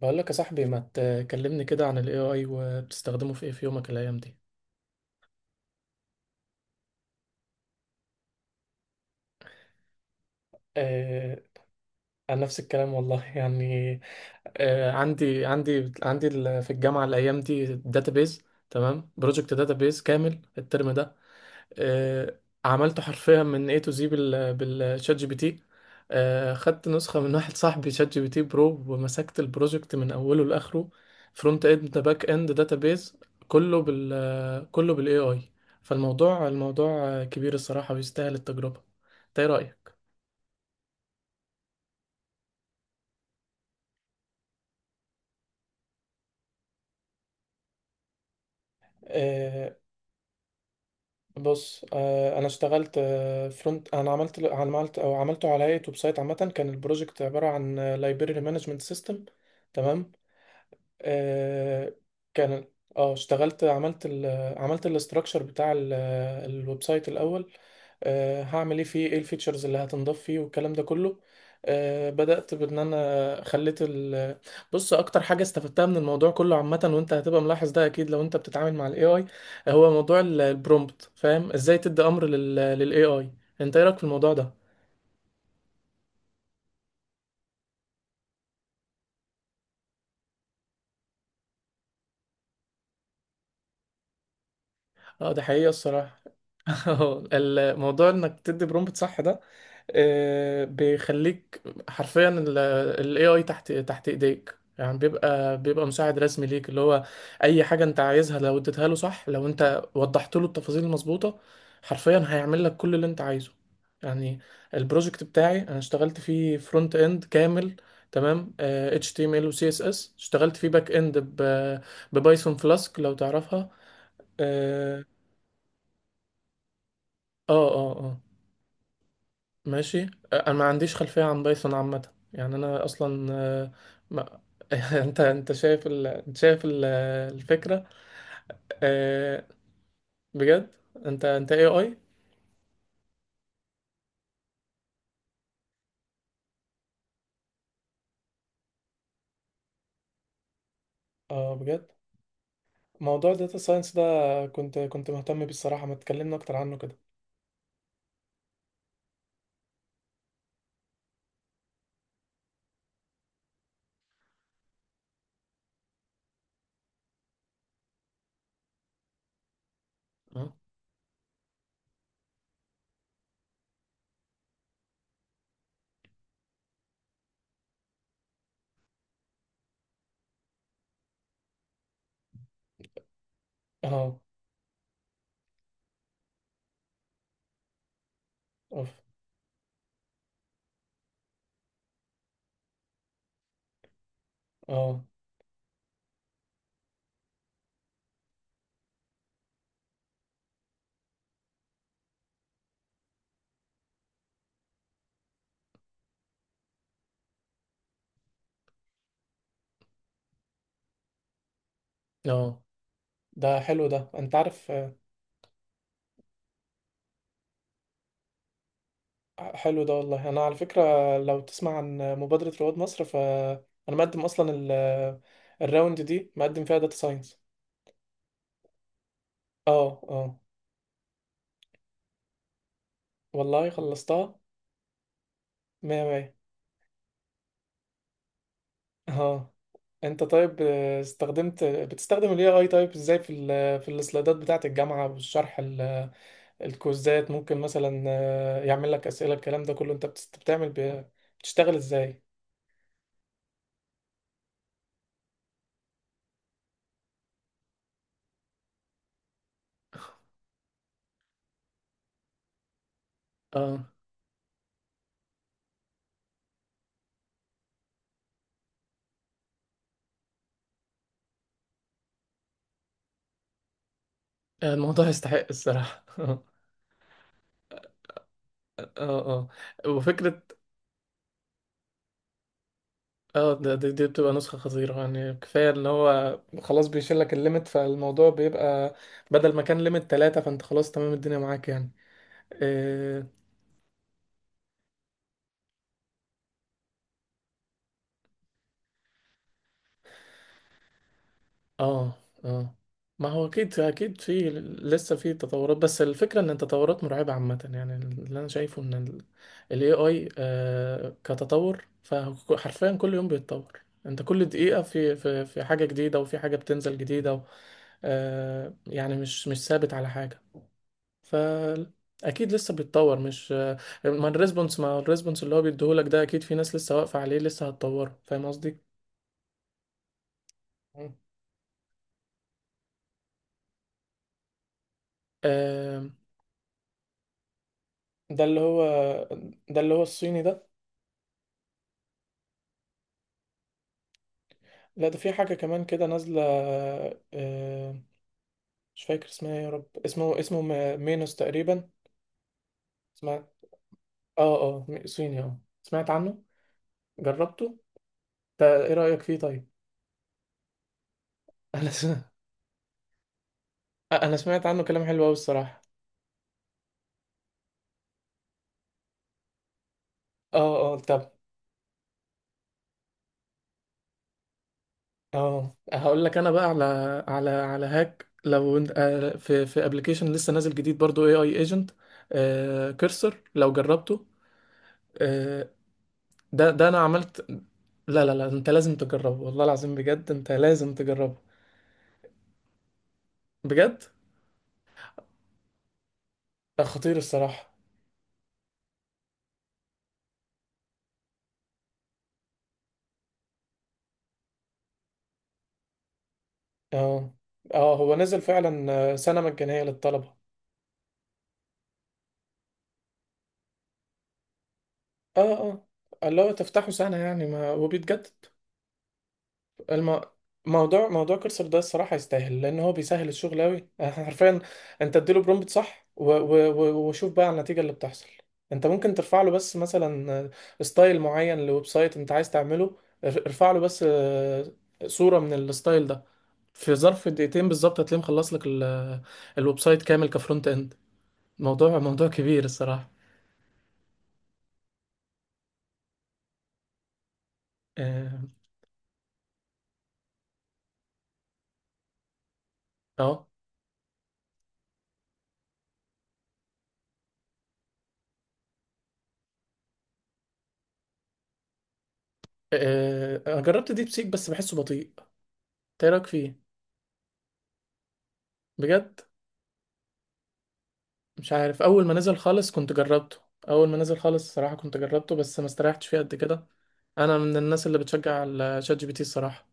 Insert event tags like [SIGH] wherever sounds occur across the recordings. بقول لك يا صاحبي، ما تكلمني كده عن ال AI وبتستخدمه في ايه في يومك الايام دي؟ آه، انا نفس الكلام والله. [LAUGHS] يعني. آه، عندي في الجامعه الايام دي داتابيز. تمام، بروجكت داتابيز كامل الترم ده. عملته حرفيا من A to Z بالشات جي بي تي. خدت نسخة من واحد صاحبي شات جي بي تي برو، ومسكت البروجكت من أوله لآخره. فرونت اند، باك اند، داتابيز. كله بالاي اي. الموضوع كبير الصراحة، ويستاهل التجربة. انت ايه رأيك؟ آه، بص. انا اشتغلت فرونت. انا عملته على هيئة ويب سايت عامة. كان البروجكت عبارة عن لايبرري مانجمنت سيستم. تمام. آه، كان، اه اشتغلت. عملت الاستراكشر بتاع الويب سايت الاول. هعمل ايه فيه، ايه الفيتشرز اللي هتنضاف فيه والكلام ده كله. بدأت بان انا خليت ال... بص، اكتر حاجة استفدتها من الموضوع كله عامة، وانت هتبقى ملاحظ ده اكيد لو انت بتتعامل مع الاي اي، هو موضوع البرومبت، فاهم ازاي تدي امر للاي اي. انت ايه رايك في الموضوع ده؟ اه، ده حقيقة الصراحة. [LAUGHS] الموضوع انك تدي برومبت صح ده، بيخليك حرفيا ال AI تحت ايديك، يعني بيبقى مساعد رسمي ليك، اللي هو اي حاجه انت عايزها، لو اديتها له صح، لو انت وضحت له التفاصيل المظبوطه، حرفيا هيعمل لك كل اللي انت عايزه. يعني، البروجكت بتاعي انا اشتغلت فيه فرونت اند كامل. تمام، HTML و CSS. اشتغلت فيه باك اند ببايثون فلاسك، لو تعرفها. اه، اه، اه، آه. ماشي. انا ما عنديش خلفية عن بايثون عامة، يعني انا اصلا ما... [LAUGHS] انت شايف ال... انت شايف ال... الفكرة. آه، بجد؟ انت اي اي؟ اه، بجد. موضوع الداتا ساينس ده، كنت مهتم بيه الصراحة، ما تكلمنا اكتر عنه كده. اه، اه، اوف، اه، اه. ده حلو ده، انت عارف؟ حلو ده والله. انا على فكرة، لو تسمع عن مبادرة رواد مصر، فانا مقدم اصلا الراوند دي، مقدم فيها داتا ساينس. اه، اه، والله خلصتها. مية مية. اه. انت، طيب، آه، استخدمت بتستخدم ال AI، طيب ازاي في في السلايدات بتاعة الجامعة والشرح الكويزات، ممكن مثلا يعمل لك أسئلة الكلام ده كله؟ انت بتعمل بتشتغل ازاي؟ اه، الموضوع يستحق الصراحة. [LAUGHS] اه، اه. وفكرة، اه. ده، دي بتبقى نسخة خطيرة، يعني كفاية ان هو خلاص بيشيل لك الليمت، فالموضوع بيبقى بدل ما كان ليمت ثلاثة، فانت خلاص تمام، الدنيا معاك يعني. إيه، اه، اه. ما هو اكيد اكيد، في لسه في تطورات، بس الفكره ان التطورات مرعبه عامه يعني. اللي انا شايفه ان ال AI كتطور، فحرفيا كل يوم بيتطور. انت كل دقيقه في حاجه جديده، وفي حاجه بتنزل جديده، و يعني مش ثابت على حاجه. ف... اكيد لسه بيتطور، مش ما الريسبونس اللي هو بيديهولك ده، اكيد في ناس لسه واقفه عليه لسه هتطوره. فاهم قصدي؟ مم. ده اللي هو... ده اللي هو الصيني ده؟ لا، ده في حاجة كمان كده نازلة. آه، مش فاكر اسمها إيه، يا رب. مينوس تقريبا. اسمها... اه، اه، صيني. اه، سمعت عنه. جربته؟ ده ايه رأيك فيه طيب؟ [LAUGHS] انا س... انا سمعت عنه كلام حلو قوي الصراحة. اه، اه، طب. اه، هقول لك انا بقى على... هاك، لو انت في في ابلكيشن لسه نازل جديد برضو، اي اي ايجنت، كرسر، لو جربته؟ آه، ده انا عملت... لا، لا، لا، انت لازم تجربه. والله العظيم، بجد انت لازم تجربه. بجد، ده خطير الصراحة. اه، اه، هو نزل فعلا سنة مجانية للطلبة. اه، اه، اللي هو تفتحه سنة يعني، ما وبيتجدد. الم... موضوع كرسر ده الصراحة يستاهل، لأن هو بيسهل الشغل أوي [LAUGHS] حرفيا. أنت اديله برومبت صح، وشوف بقى النتيجة اللي بتحصل. أنت ممكن ترفع له بس مثلا ستايل معين لويب سايت أنت عايز تعمله، ارفع له بس صورة من الستايل ده، في ظرف دقيقتين بالظبط هتلاقيه مخلص لك ال... الويب سايت كامل كفرونت إند. موضوع كبير الصراحة. اه، آه. أنا جربت ديب سيك، بس بحسه بطيء. إيه رأيك فيه؟ بجد؟ مش عارف، اول ما نزل خالص كنت جربته. اول ما نزل خالص، الصراحه كنت جربته بس ما استريحتش فيه قد كده. انا من الناس اللي بتشجع على شات جي بي تي الصراحه.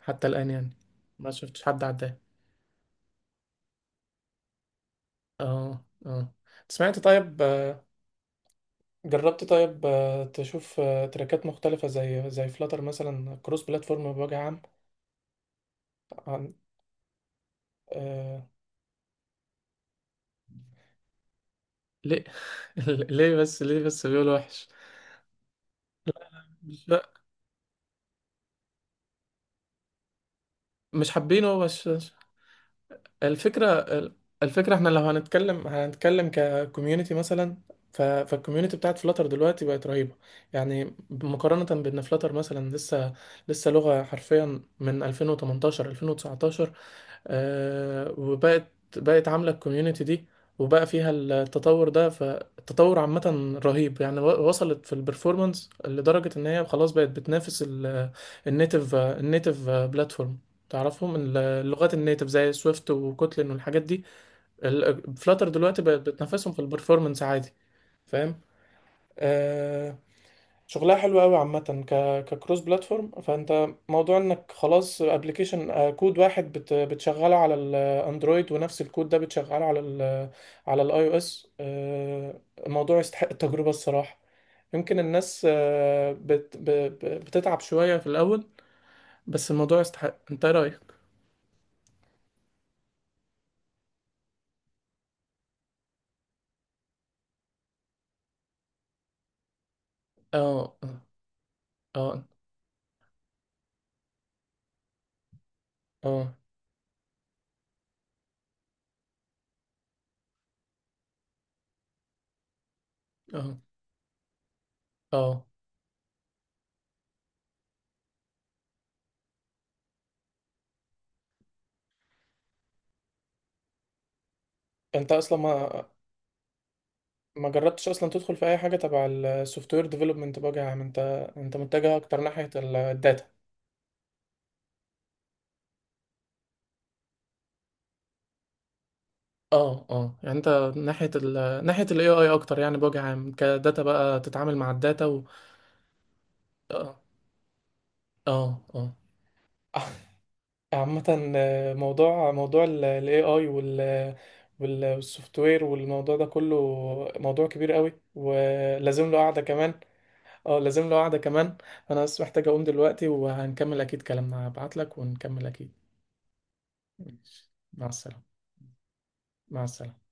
حتى الان يعني، ما شفتش حد عداه. اه، اه، سمعت طيب. جربت طيب تشوف تراكات مختلفه زي فلاتر مثلا، كروس بلاتفورم بوجه عام؟ عن... آه... ليه؟ [LAUGHS] ليه بس بيقول وحش؟ مش، لا، مش حابينه بس. الفكرة... الفكرة، احنا لو هنتكلم، ككوميونتي مثلا، فالكوميونتي بتاعت فلاتر دلوقتي بقت رهيبة. يعني مقارنة بان فلاتر مثلا لسه، لغة حرفيا من 2018، 2019، وبقت عاملة الكوميونتي دي. وبقى فيها التطور ده، فالتطور عامة رهيب يعني. وصلت في البرفورمانس لدرجة ان هي خلاص بقت بتنافس النيتف بلاتفورم. تعرفهم اللغات النيتف زي سويفت وكوتلين والحاجات دي. فلاتر دلوقتي بقت بتنافسهم في البرفورمانس عادي. فاهم؟ آه، شغلها حلو قوي عامة. ك... ككروس بلاتفورم، فانت موضوع انك خلاص ابلكيشن كود واحد بتشغله على الاندرويد ونفس الكود ده بتشغله على ال على الاي او اس. الموضوع يستحق التجربة الصراحة. يمكن الناس بتتعب شوية في الاول، بس الموضوع يستحق. انت إيه رأيك؟ اه، اه، اه، اه، اه، آه. انت اصلا ما... ما جربتش اصلا تدخل في اي حاجه تبع السوفت وير ديفلوبمنت بقى يا عم، انت انت متجه اكتر ناحيه الداتا. اه، اه، يعني انت ناحيه الاي اي اكتر يعني، بوجه عام كداتا بقى، تتعامل مع الداتا و... اه، اه، اه. [LAUGHS] عامة موضوع ال AI والسوفت وير والموضوع ده كله، موضوع كبير قوي، ولازم له قعدة كمان. اه، لازم له قعدة كمان. انا بس محتاج اقوم دلوقتي، وهنكمل اكيد كلامنا، هبعت لك ونكمل اكيد. ماشي. مع السلامة. مع السلامة.